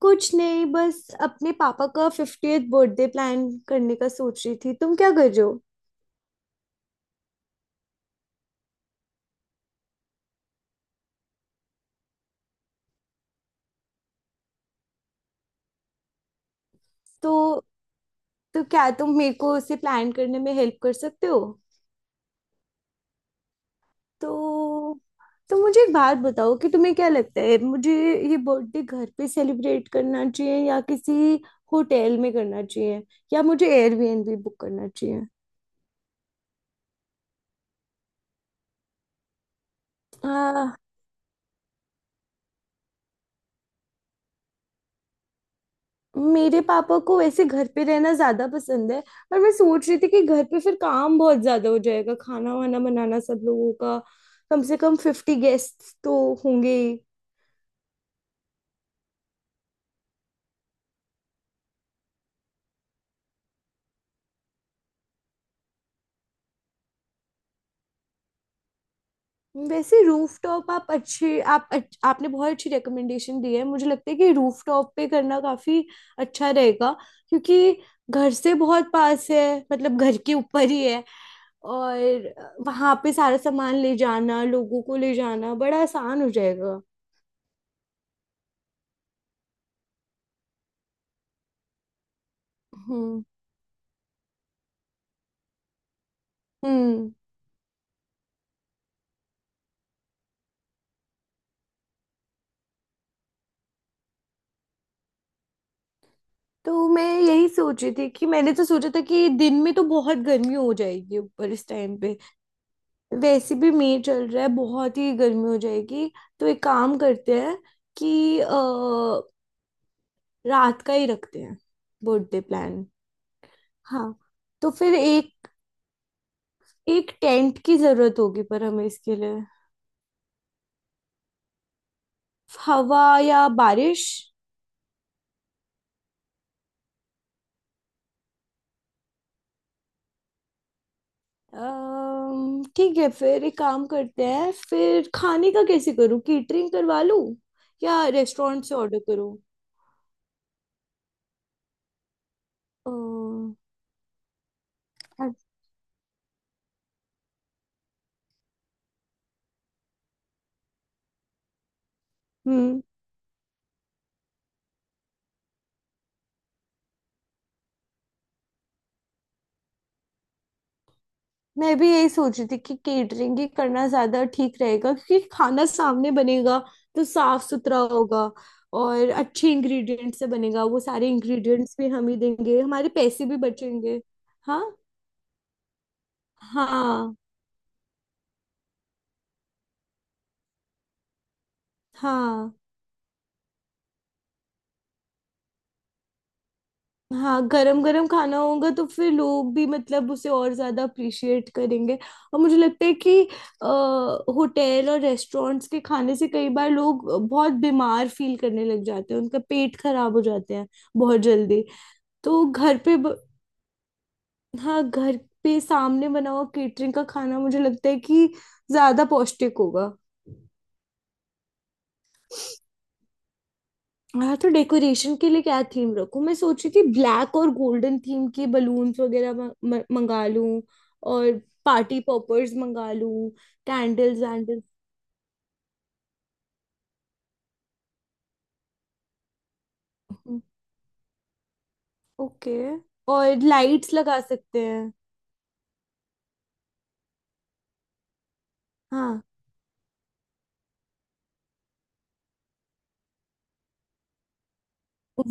कुछ नहीं, बस अपने पापा का 50th बर्थडे प्लान करने का सोच रही थी। तुम क्या कर रहे हो? तो तो क्या तुम मेरे को उसे प्लान करने में हेल्प कर सकते हो? तो तो मुझे एक बात बताओ कि तुम्हें क्या लगता है, मुझे ये बर्थडे घर पे सेलिब्रेट करना चाहिए या किसी होटल में करना चाहिए, या मुझे एयरबीएनबी बुक करना चाहिए? हाँ। मेरे पापा को वैसे घर पे रहना ज्यादा पसंद है, पर मैं सोच रही थी कि घर पे फिर काम बहुत ज्यादा हो जाएगा, खाना वाना बनाना सब लोगों का। कम से कम 50 गेस्ट तो होंगे ही। वैसे रूफटॉप, आप अच्छे आप अच्छ, आपने बहुत अच्छी रिकमेंडेशन दी है। मुझे लगता है कि रूफटॉप पे करना काफी अच्छा रहेगा, क्योंकि घर से बहुत पास है, मतलब घर के ऊपर ही है। और वहां पे सारा सामान ले जाना, लोगों को ले जाना बड़ा आसान हो जाएगा। हम्म हम्म तो मैं यही सोच रही थी कि मैंने तो सोचा था कि दिन में तो बहुत गर्मी हो जाएगी ऊपर इस टाइम पे। वैसे भी मई चल रहा है, बहुत ही गर्मी हो जाएगी। तो एक काम करते हैं कि रात का ही रखते हैं बर्थडे प्लान। हाँ, तो फिर एक एक टेंट की जरूरत होगी, पर हमें इसके लिए हवा या बारिश। ठीक है, फिर एक काम करते हैं, फिर खाने का कैसे करूँ? कैटरिंग करवा लूँ या रेस्टोरेंट से ऑर्डर करूँ? अम्म, अ- हम्म मैं भी यही सोच रही थी कि केटरिंग ही करना ज्यादा ठीक रहेगा, क्योंकि खाना सामने बनेगा तो साफ सुथरा होगा। और अच्छे इंग्रेडिएंट से बनेगा, वो सारे इंग्रेडिएंट्स भी हम ही देंगे, हमारे पैसे भी बचेंगे। हाँ, हाँ, हाँ, हाँ, गरम गरम खाना होगा तो फिर लोग भी मतलब उसे और ज्यादा अप्रिशिएट करेंगे। और मुझे लगता है कि होटल और रेस्टोरेंट्स के खाने से कई बार लोग बहुत बीमार फील करने लग जाते हैं, उनका पेट खराब हो जाते हैं बहुत जल्दी। तो घर पे ब... हाँ, घर पे सामने बना हुआ केटरिंग का खाना मुझे लगता है कि ज्यादा पौष्टिक होगा। हाँ, तो डेकोरेशन के लिए क्या थीम रखूं? मैं सोच रही थी ब्लैक और गोल्डन थीम के बलून्स वगैरह मंगा लूं। और पार्टी पॉपर्स मंगा लूं, कैंडल्स वैंडल्स। ओके, और लाइट्स लगा सकते हैं। हाँ,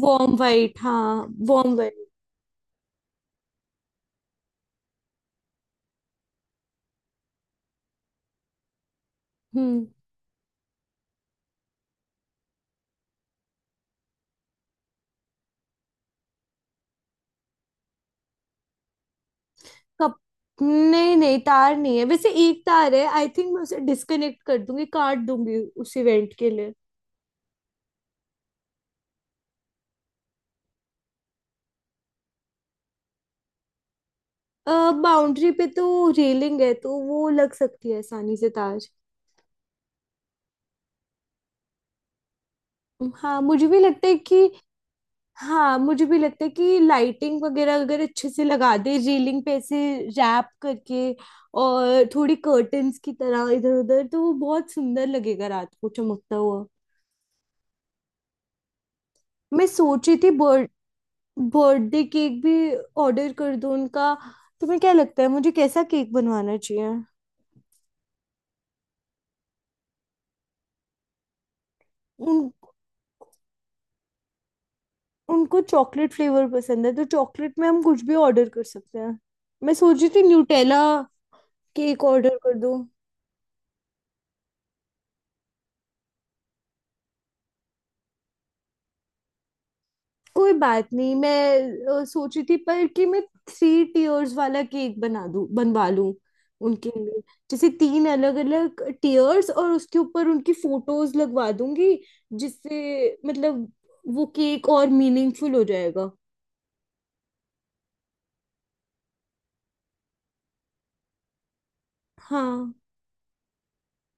वार्म वाइट। हाँ, वार्म वाइट। हम्म कप नहीं नहीं, तार नहीं है। वैसे एक तार है आई थिंक, मैं उसे डिस्कनेक्ट कर दूंगी, काट दूंगी उस इवेंट के लिए। बाउंड्री पे तो रेलिंग है, तो वो लग सकती है आसानी से तार। हाँ, मुझे भी लगता है कि, हाँ, मुझे भी लगता है कि लाइटिंग वगैरह अगर अच्छे से लगा दे रेलिंग पे ऐसे रैप करके और थोड़ी कर्टन्स की तरह इधर उधर, तो वो बहुत सुंदर लगेगा रात को चमकता हुआ। मैं सोच रही थी बर्थ बर्थडे केक भी ऑर्डर कर दूं उनका। तुम्हें क्या लगता है, मुझे कैसा केक बनवाना चाहिए? उन उनको चॉकलेट फ्लेवर पसंद है, तो चॉकलेट में हम कुछ भी ऑर्डर कर सकते हैं। मैं सोच रही थी न्यूटेला केक ऑर्डर कर दूं। कोई बात नहीं, मैं सोच रही थी पर कि मैं थ्री टीयर्स वाला केक बना दूं, बनवा लूं उनके लिए। जैसे तीन अलग अलग टीयर्स और उसके ऊपर उनकी फोटोज लगवा दूंगी, जिससे मतलब वो केक और मीनिंगफुल हो जाएगा। हाँ,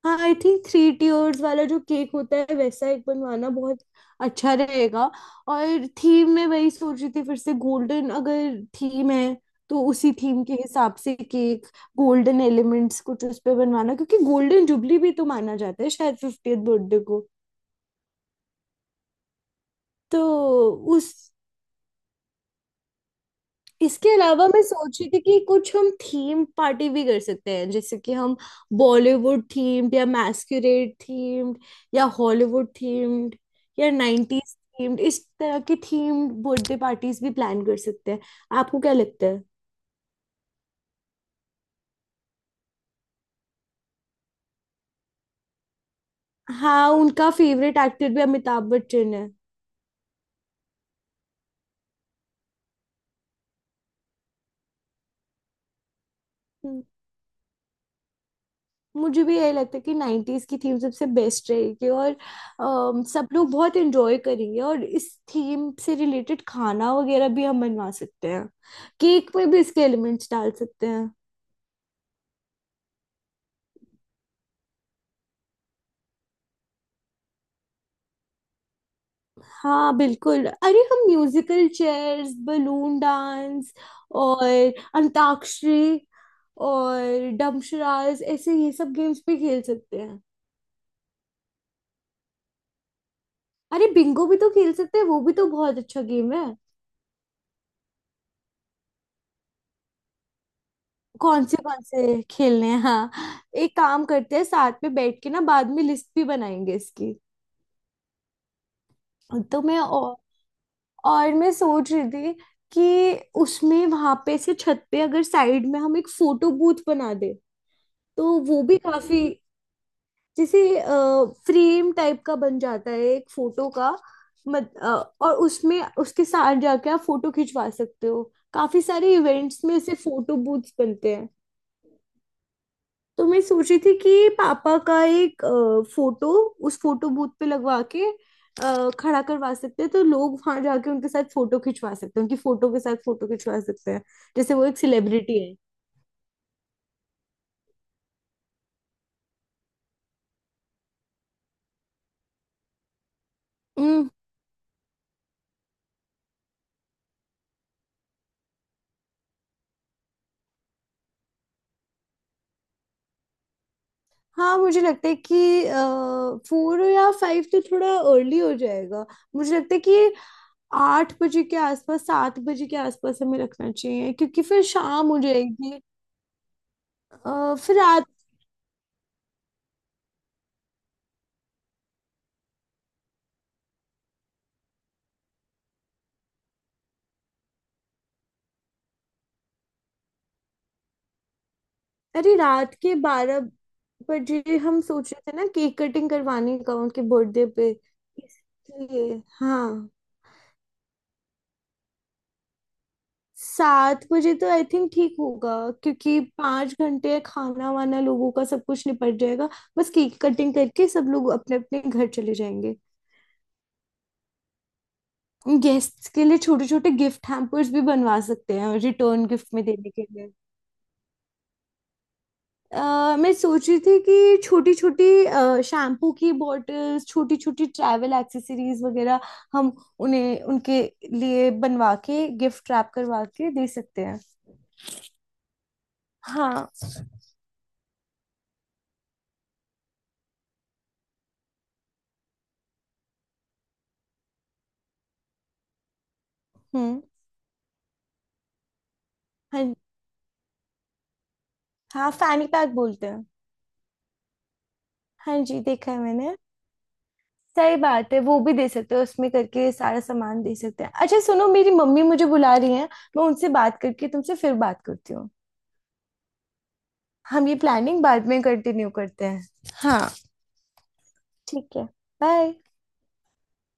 हाँ, आई थिंक थ्री टीयर्स वाला जो केक होता है वैसा एक बनवाना बहुत अच्छा रहेगा। और थीम में वही सोच रही थी, फिर से गोल्डन अगर थीम है तो उसी थीम के हिसाब से केक, गोल्डन एलिमेंट्स कुछ उस पे बनवाना, क्योंकि गोल्डन जुबली भी तो माना जाता है शायद 50th बर्थडे को। तो उस इसके अलावा मैं सोच रही थी कि कुछ हम थीम पार्टी भी कर सकते हैं, जैसे कि हम बॉलीवुड थीम्ड या मैस्कुरेड थीम्ड या हॉलीवुड थीम्ड या नाइन्टीज थीम्ड, इस तरह की थीम्ड बर्थडे पार्टीज भी प्लान कर सकते हैं। आपको क्या लगता है? हाँ, उनका फेवरेट एक्टर भी अमिताभ बच्चन है। मुझे भी यही लगता है कि 90s की थीम सबसे बेस्ट रहेगी और सब लोग बहुत एंजॉय करेंगे, और इस थीम से रिलेटेड खाना वगैरह भी हम बनवा सकते हैं, केक में भी इसके एलिमेंट्स डाल सकते हैं। हाँ बिल्कुल, अरे हम म्यूजिकल चेयर्स, बलून डांस और अंताक्षरी और डमशराज, ऐसे ये सब गेम्स भी खेल सकते हैं। अरे बिंगो भी तो खेल सकते हैं, वो भी तो बहुत अच्छा गेम है। कौन से खेलने हैं, हाँ, एक काम करते हैं साथ में बैठ के ना, बाद में लिस्ट भी बनाएंगे इसकी। तो मैं और, और मैं सोच रही थी कि उसमें वहां पे से छत पे अगर साइड में हम एक फोटो बूथ बना दे, तो वो भी काफी, जैसे फ्रेम टाइप का बन जाता है एक फोटो का। मत, अ, और उसमें उसके साथ जाके आप फोटो खिंचवा सकते हो, काफी सारे इवेंट्स में ऐसे फोटो बूथ्स बनते। तो मैं सोच रही थी कि पापा का एक फोटो उस फोटो बूथ पे लगवा के खड़ा करवा सकते हैं, तो लोग वहां जाके उनके साथ फोटो खिंचवा सकते हैं, उनकी फोटो के साथ फोटो खिंचवा सकते हैं, जैसे वो एक सेलिब्रिटी है। हम्म, हाँ, मुझे लगता है कि फोर या फाइव तो थोड़ा अर्ली हो जाएगा। मुझे लगता है कि 8 बजे के आसपास, 7 बजे के आसपास हमें रखना चाहिए, क्योंकि फिर शाम हो जाएगी। अ, फिर रात अरे रात के 12 बजे हम सोच रहे थे ना केक कटिंग करवाने का उनके बर्थडे पे, इसलिए। हाँ, 7 बजे तो आई थिंक ठीक होगा, क्योंकि 5 घंटे खाना वाना लोगों का सब कुछ निपट जाएगा, बस केक कटिंग करके सब लोग अपने अपने घर चले जाएंगे। गेस्ट्स के लिए छोटे छोटे गिफ्ट हैम्पर्स भी बनवा सकते हैं रिटर्न गिफ्ट में देने के। मैं सोच रही थी कि छोटी छोटी शैम्पू की बॉटल्स, छोटी छोटी ट्रैवल एक्सेसरीज वगैरह हम उन्हें उनके लिए बनवा के गिफ्ट रैप करवा के दे सकते हैं। हाँ। हम्म हाँ, हाँ, फैनी पैक बोलते हैं। हाँ जी, देखा है मैंने। सही बात है, वो भी दे सकते हैं, उसमें करके सारा सामान दे सकते हैं। अच्छा सुनो, मेरी मम्मी मुझे बुला रही हैं, मैं उनसे बात करके तुमसे फिर बात करती हूँ। हम ये प्लानिंग बाद में कंटिन्यू करते हैं। हाँ, ठीक है, बाय।